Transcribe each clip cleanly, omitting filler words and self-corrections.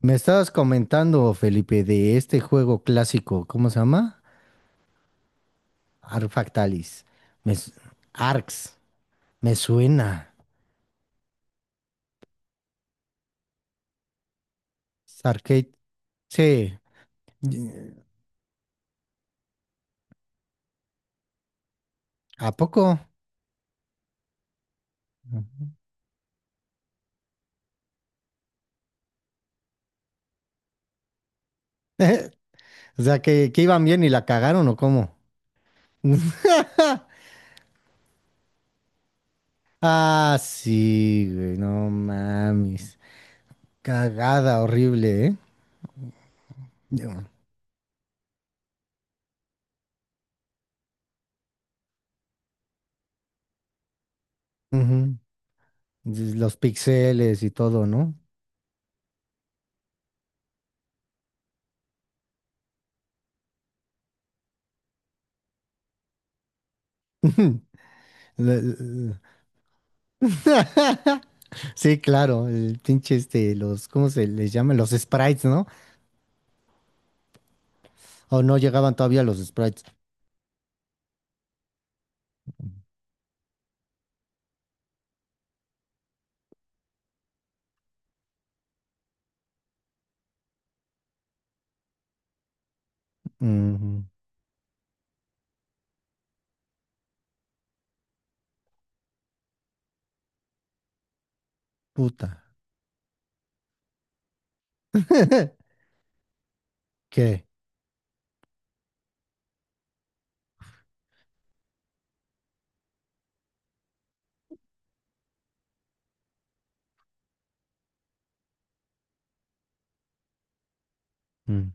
Me estabas comentando, Felipe, de este juego clásico, ¿cómo se llama? Arfactalis. Me, s- Arx. Me suena. Es Arcade. Sí. Y- ¿A poco? O sea, que iban bien y la cagaron o cómo. Ah, sí, güey, no mames. Cagada horrible, ¿eh? Yo- Ujú. Los pixeles y todo, ¿no? La- la- Sí, claro, el pinche este, los, ¿cómo se les llama? Los sprites, ¿no? O no llegaban todavía los sprites. Mm, puta. ¿Qué? Mm.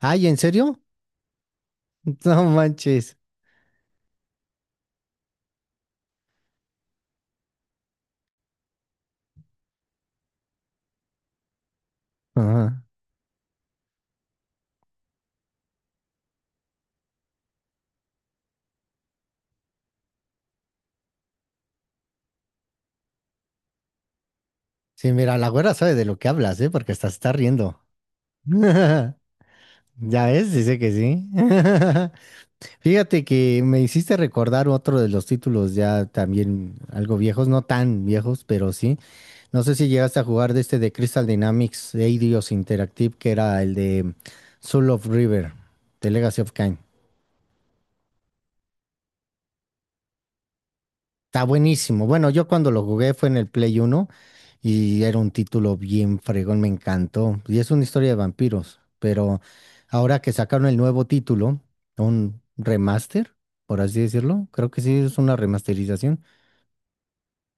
Ay, ¿en serio? No manches. Ajá. Sí, mira, la güera sabe de lo que hablas, ¿eh? Porque hasta se está riendo. Ya ves, dice que sí. Fíjate que me hiciste recordar otro de los títulos ya también algo viejos, no tan viejos, pero sí. No sé si llegaste a jugar de este de Crystal Dynamics Eidos Interactive, que era el de Soul of River, de Legacy of Kain. Está buenísimo. Bueno, yo cuando lo jugué fue en el Play uno y era un título bien fregón, me encantó. Y es una historia de vampiros, pero ahora que sacaron el nuevo título, un remaster, por así decirlo, creo que sí es una remasterización.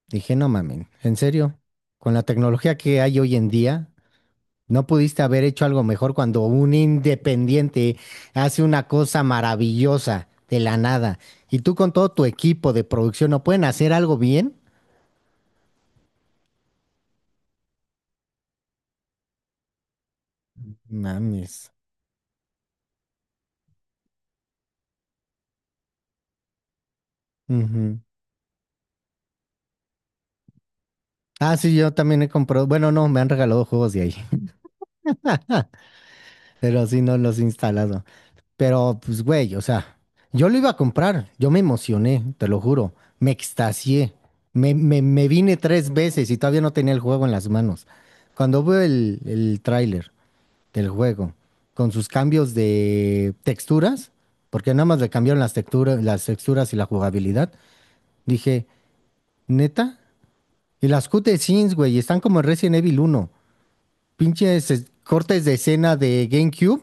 Dije, no mamen, en serio, con la tecnología que hay hoy en día, no pudiste haber hecho algo mejor cuando un independiente hace una cosa maravillosa de la nada y tú con todo tu equipo de producción no pueden hacer algo bien. Mames. Ujú. Ah, sí, yo también he comprado. Bueno, no, me han regalado juegos de ahí, pero sí no los he instalado. Pero, pues, güey, o sea, yo lo iba a comprar. Yo me emocioné, te lo juro. Me extasié. Me vine tres veces y todavía no tenía el juego en las manos. Cuando veo el tráiler del juego con sus cambios de texturas, porque nada más le cambiaron las texturas y la jugabilidad, dije, ¿neta? Y las cutscenes, güey, están como en Resident Evil Uno. Pinches cortes de escena de GameCube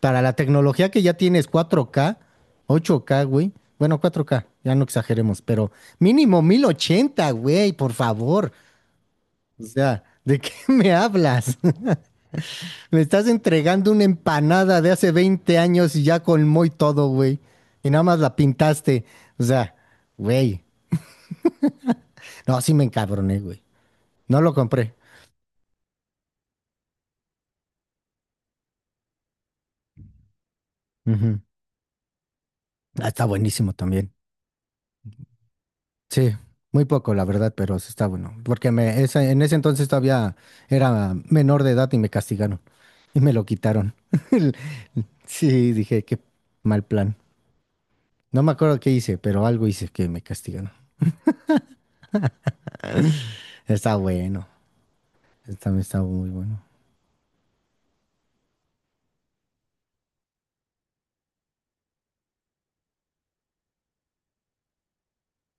para la tecnología que ya tienes 4K, 8K, güey. Bueno, 4K, ya no exageremos, pero mínimo 1080, güey, por favor. O sea, ¿de qué me hablas? Me estás entregando una empanada de hace 20 años y ya colmó y todo, güey. Y nada más la pintaste. O sea, güey. No, sí me encabroné, güey. No lo compré. Ujú. Ah, está buenísimo también. Sí, muy poco, la verdad, pero sí está bueno. Porque me, en ese entonces todavía era menor de edad y me castigaron y me lo quitaron. Sí, dije, qué mal plan. No me acuerdo qué hice, pero algo hice que me castigaron. Está bueno, está, está muy bueno.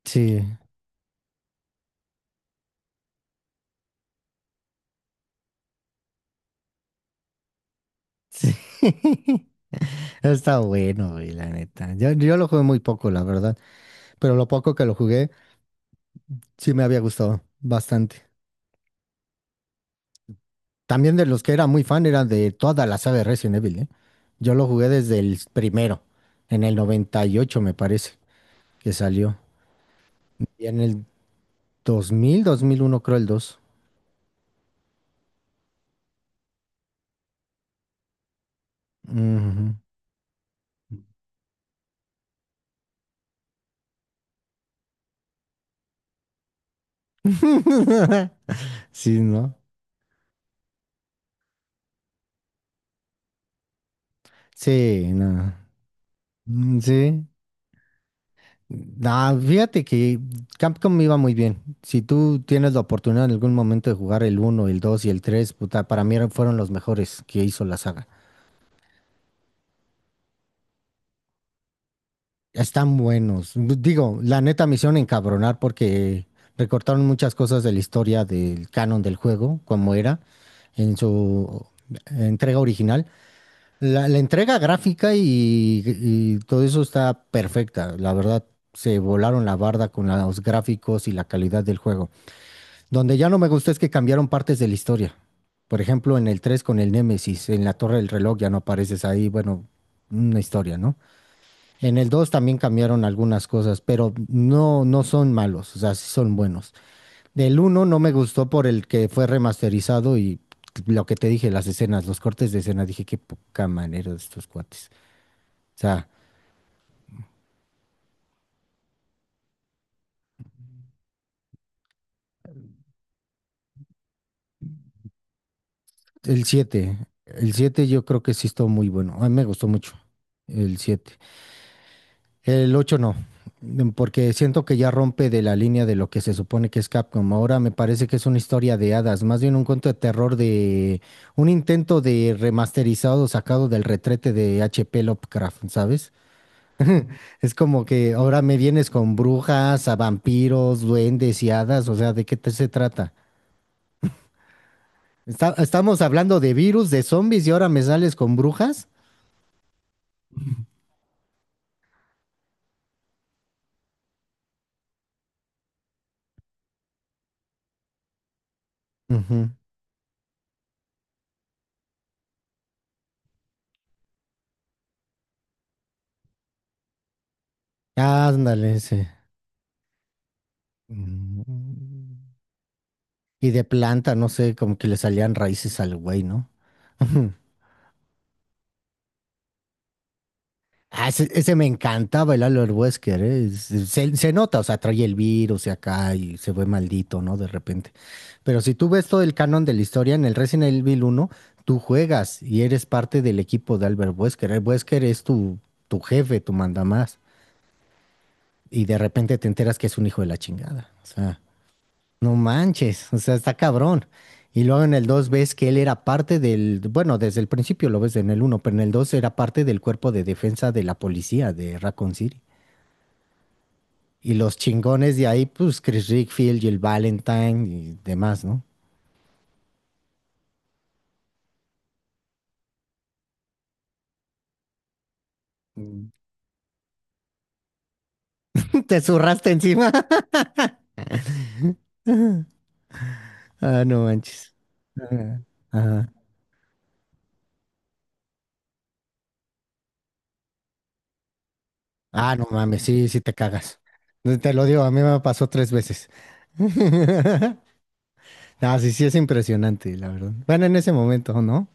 Sí, sí. Está bueno, güey, la neta. Yo lo jugué muy poco, la verdad, pero lo poco que lo jugué sí me había gustado bastante. También de los que era muy fan era de toda la saga de Resident Evil, ¿eh? Yo lo jugué desde el primero, en el 98 me parece que salió. Y en el dos dos mil uno creo el dos. Ujú. Sí, ¿no? Sí, no. Mm, sí. No, fíjate que Capcom me iba muy bien. Si tú tienes la oportunidad en algún momento de jugar el uno, el 2 y el 3, puta, para mí fueron los mejores que hizo la saga. Están buenos. Digo, la neta me hicieron encabronar porque recortaron muchas cosas de la historia del canon del juego, como era en su entrega original. La entrega gráfica y todo eso está perfecta. La verdad, se volaron la barda con los gráficos y la calidad del juego. Donde ya no me gustó es que cambiaron partes de la historia. Por ejemplo, en el 3 con el Némesis, en la Torre del Reloj ya no apareces ahí. Bueno, una historia, ¿no? En el 2 también cambiaron algunas cosas, pero no, no son malos, o sea, sí son buenos. Del uno no me gustó por el que fue remasterizado y lo que te dije, las escenas, los cortes de escena, dije qué poca manera de estos cuates. O sea, el 7, el 7 yo creo que sí estuvo muy bueno, a mí me gustó mucho el 7. El 8 no, porque siento que ya rompe de la línea de lo que se supone que es Capcom. Ahora me parece que es una historia de hadas, más bien un cuento de terror de un intento de remasterizado sacado del retrete de H.P. Lovecraft, ¿sabes? Es como que ahora me vienes con brujas, a vampiros, duendes y hadas, o sea, ¿de qué te se trata? Estamos hablando de virus, de zombies y ahora me sales con brujas. Ujú. Ándale, sí. Mm. Y de planta, no sé, como que le salían raíces al güey, ¿no? Ah, ese me encantaba el Albert Wesker, ¿eh? Se nota, o sea, trae el virus y acá y se ve maldito, ¿no? De repente. Pero si tú ves todo el canon de la historia en el Resident Evil uno tú juegas y eres parte del equipo de Albert Wesker. El Wesker es tu, tu jefe, tu mandamás. Y de repente te enteras que es un hijo de la chingada. O sea. No manches, o sea, está cabrón. Y luego en el 2 ves que él era parte del, bueno, desde el principio lo ves en el uno, pero en el 2 era parte del cuerpo de defensa de la policía de Raccoon City. Y los chingones de ahí, pues Chris Rickfield, Jill Valentine y demás, ¿no? Mm. ¿Te zurraste encima? Ah, no manches. Ajá. Ajá. Ah, no mames, sí, sí te cagas. No, te lo digo, a mí me pasó tres veces. Ah, sí, sí es impresionante, la verdad. Bueno, en ese momento, ¿no?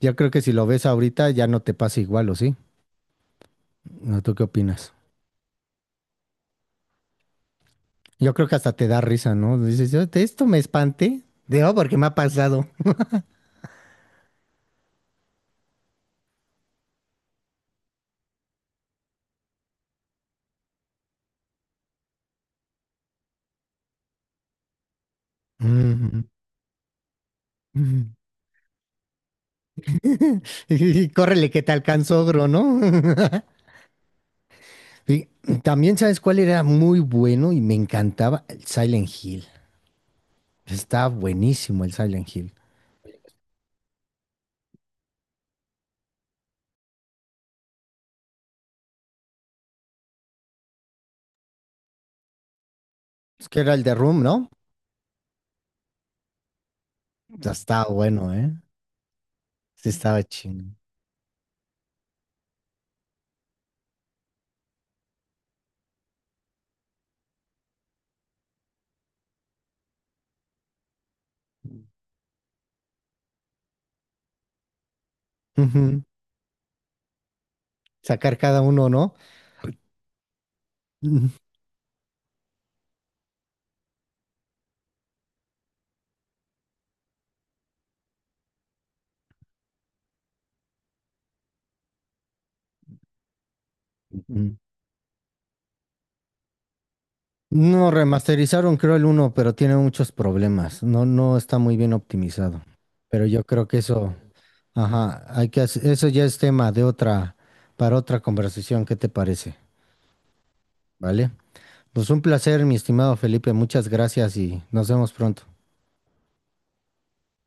Yo creo que si lo ves ahorita ya no te pasa igual, ¿o sí? ¿O ¿Tú qué opinas? Yo creo que hasta te da risa, ¿no? Dices, "Yo de esto me espanté. De, oh, porque me ha pasado. Ujú. Ujú". Y córrele que te alcanzó, ogro, ¿no? Y también, ¿sabes cuál era muy bueno y me encantaba? El Silent Hill. Estaba buenísimo el Silent Hill. Es que era el de Room, ¿no? Ya estaba bueno, ¿eh? Sí, estaba chingón. Ujú. Sacar cada uno, ¿no? Ujú. No, remasterizaron creo el 1, pero tiene muchos problemas. No, no está muy bien optimizado. Pero yo creo que eso, ajá, hay que eso ya es tema de otra, para otra conversación, ¿qué te parece? ¿Vale? Pues un placer, mi estimado Felipe, muchas gracias y nos vemos pronto.